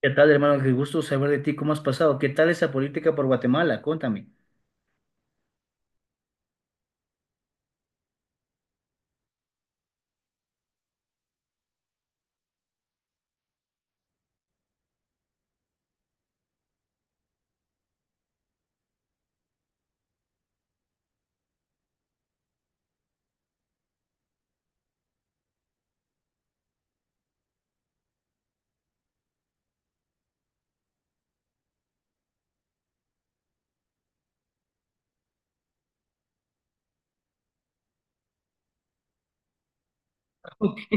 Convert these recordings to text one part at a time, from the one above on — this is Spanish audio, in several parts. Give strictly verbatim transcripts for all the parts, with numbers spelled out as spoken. ¿Qué tal, hermano? Qué gusto saber de ti, ¿cómo has pasado? ¿Qué tal esa política por Guatemala? Cuéntame. Ok.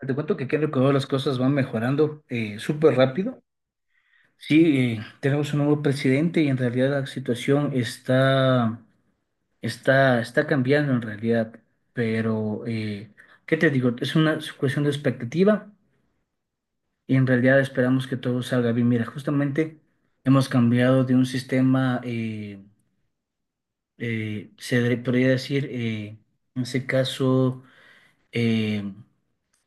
Te cuento que aquí en el Ecuador las cosas van mejorando eh, súper rápido. Sí, eh, tenemos un nuevo presidente y en realidad la situación está, está, está cambiando en realidad. Pero, eh, ¿qué te digo? Es una cuestión de expectativa y en realidad esperamos que todo salga bien. Mira, justamente hemos cambiado de un sistema, eh, eh, se podría decir, eh, en ese caso eh,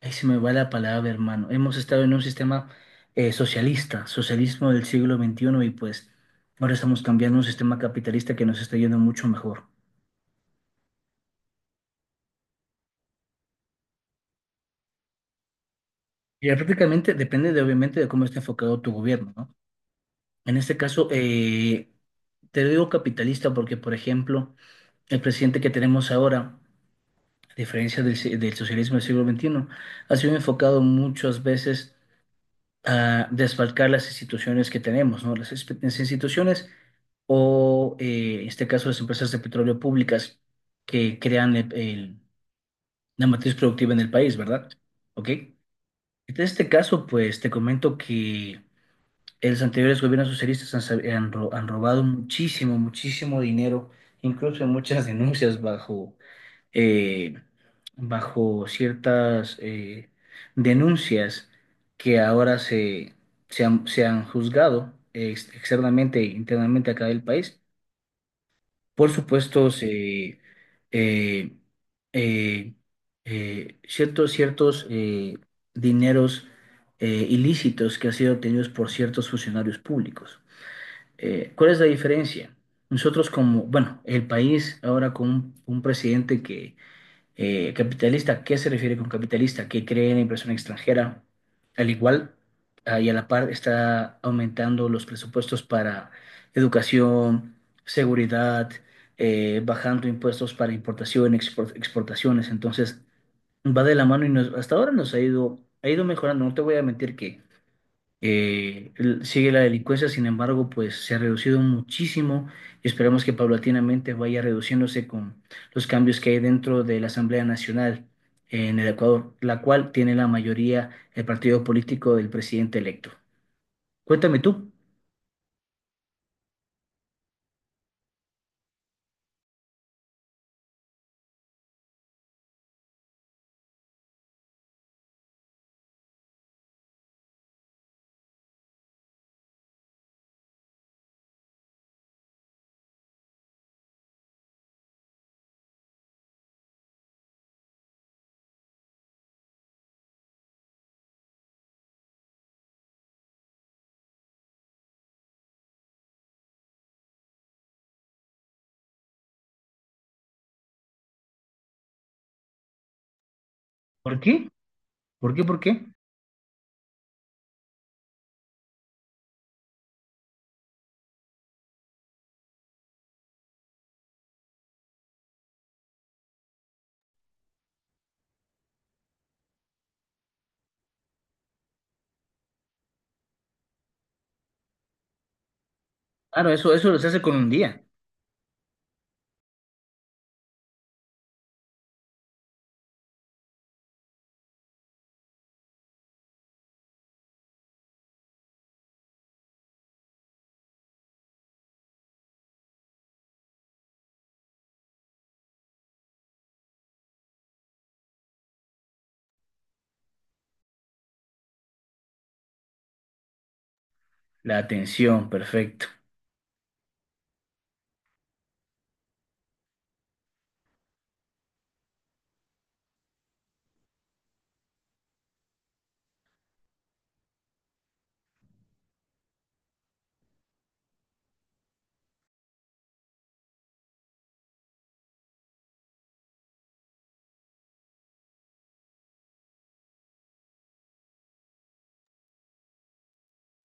ahí se me va la palabra, hermano. Hemos estado en un sistema eh, socialista, socialismo del siglo veintiuno y pues ahora estamos cambiando a un sistema capitalista que nos está yendo mucho mejor. Y ya prácticamente depende de, obviamente, de cómo está enfocado tu gobierno, ¿no? En este caso, eh, te digo capitalista porque, por ejemplo, el presidente que tenemos ahora, a diferencia del, si- del socialismo del siglo veintiuno, ha sido enfocado muchas veces a desfalcar las instituciones que tenemos, ¿no? Las, espe- las instituciones o, eh, en este caso, las empresas de petróleo públicas que crean el- el- la matriz productiva en el país, ¿verdad? ¿Ok? En este caso, pues te comento que los anteriores gobiernos socialistas han, sab- han ro- han robado muchísimo, muchísimo dinero, incluso en muchas denuncias bajo eh, bajo ciertas eh, denuncias que ahora se, se han, se han juzgado eh, ex- externamente e internamente acá del país. Por supuesto, se, eh, eh, eh, ciertos, ciertos eh, dineros eh, ilícitos que han sido obtenidos por ciertos funcionarios públicos. Eh, ¿cuál es la diferencia? Nosotros como, bueno, el país ahora con un un presidente que eh, capitalista, ¿qué se refiere con capitalista? Que cree en la inversión extranjera. Al igual, ah, y a la par está aumentando los presupuestos para educación, seguridad, eh, bajando impuestos para importación, expor- exportaciones. Entonces, va de la mano y nos- hasta ahora nos ha ido, ha ido mejorando. No te voy a mentir que eh, el- sigue la delincuencia, sin embargo, pues se ha reducido muchísimo y esperemos que paulatinamente vaya reduciéndose con los cambios que hay dentro de la Asamblea Nacional en el Ecuador, la cual tiene la mayoría el partido político del presidente electo. Cuéntame tú, ¿por qué? ¿Por qué? ¿Por qué? Claro, eso, eso lo se hace con un día. La atención, perfecto.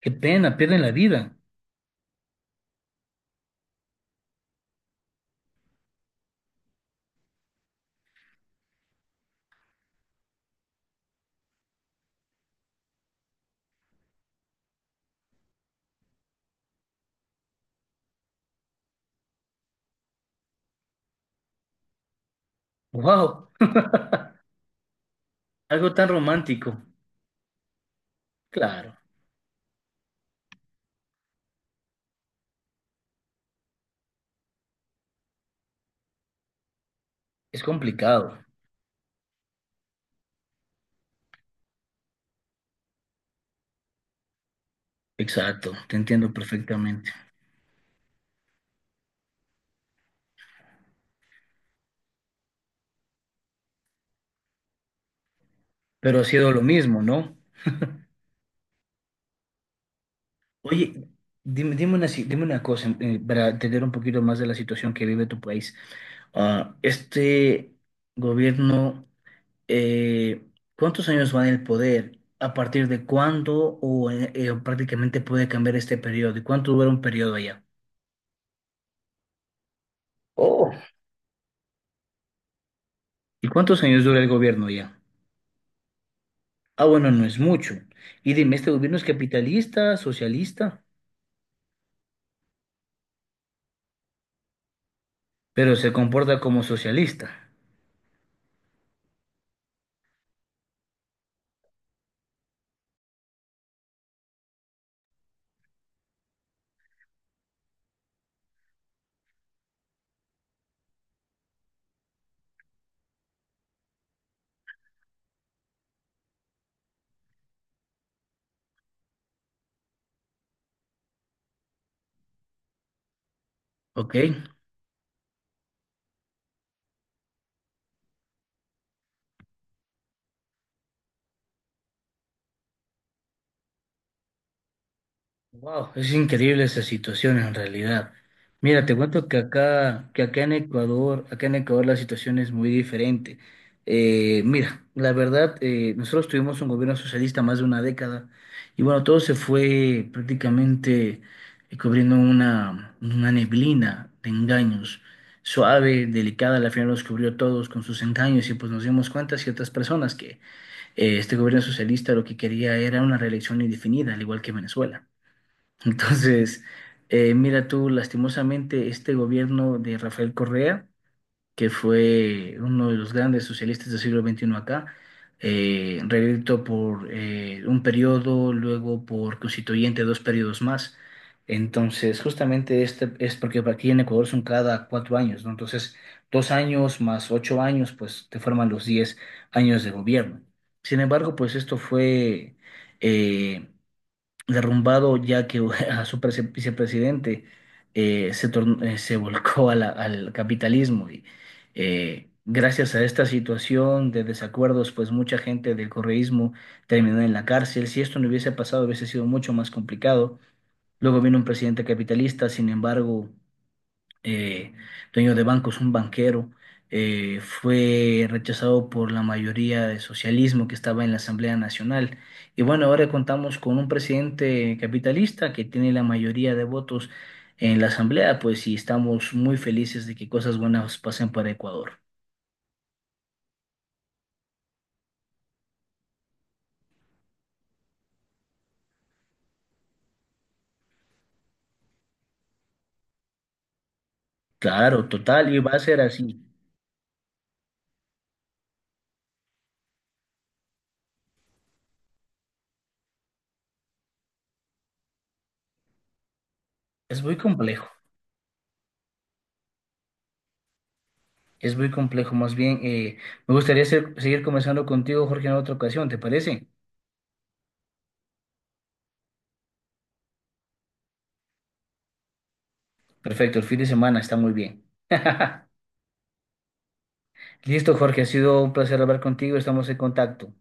Qué pena, pierden la vida. Wow, algo tan romántico. Claro, es complicado. Exacto, te entiendo perfectamente. Pero ha sido lo mismo, ¿no? Oye, dime, dime una, si- dime una cosa eh, para entender un poquito más de la situación que vive tu país. Ah, este gobierno, eh, ¿cuántos años va en el poder? ¿A partir de cuándo o eh, eh, prácticamente puede cambiar este periodo? ¿Y cuánto dura un periodo allá? Oh. ¿Y cuántos años dura el gobierno allá? Ah, bueno, no es mucho. Y dime, ¿este gobierno es capitalista, socialista? Pero se comporta como socialista, ¿ok? Wow, es increíble esa situación en realidad. Mira, te cuento que acá, que acá en Ecuador, acá en Ecuador la situación es muy diferente. Eh, mira, la verdad, eh, nosotros tuvimos un gobierno socialista más de una década y bueno, todo se fue prácticamente eh, cubriendo una, una neblina de engaños, suave, delicada, al final los cubrió todos con sus engaños y pues nos dimos cuenta ciertas personas que eh, este gobierno socialista lo que quería era una reelección indefinida, al igual que Venezuela. Entonces, eh, mira tú, lastimosamente, este gobierno de Rafael Correa, que fue uno de los grandes socialistas del siglo veintiuno acá, eh, reelecto por eh, un periodo, luego por constituyente dos periodos más. Entonces, justamente este es porque aquí en Ecuador son cada cuatro años, ¿no? Entonces, dos años más ocho años, pues te forman los diez años de gobierno. Sin embargo, pues esto fue... eh, derrumbado ya que a su prese- vicepresidente eh, se, torn- eh, se volcó a la- al capitalismo. Y, eh, gracias a esta situación de desacuerdos, pues mucha gente del correísmo terminó en la cárcel. Si esto no hubiese pasado, hubiese sido mucho más complicado. Luego vino un presidente capitalista, sin embargo, eh, dueños de bancos, un banquero, eh, fue rechazado por la mayoría de socialismo que estaba en la Asamblea Nacional. Y bueno, ahora contamos con un presidente capitalista que tiene la mayoría de votos en la Asamblea, pues y estamos muy felices de que cosas buenas pasen para Ecuador. Claro, total, y va a ser así. Es muy complejo, es muy complejo. Más bien, eh, me gustaría ser- seguir conversando contigo, Jorge, en otra ocasión, ¿te parece? Perfecto, el fin de semana está muy bien. Listo, Jorge, ha sido un placer hablar contigo, estamos en contacto.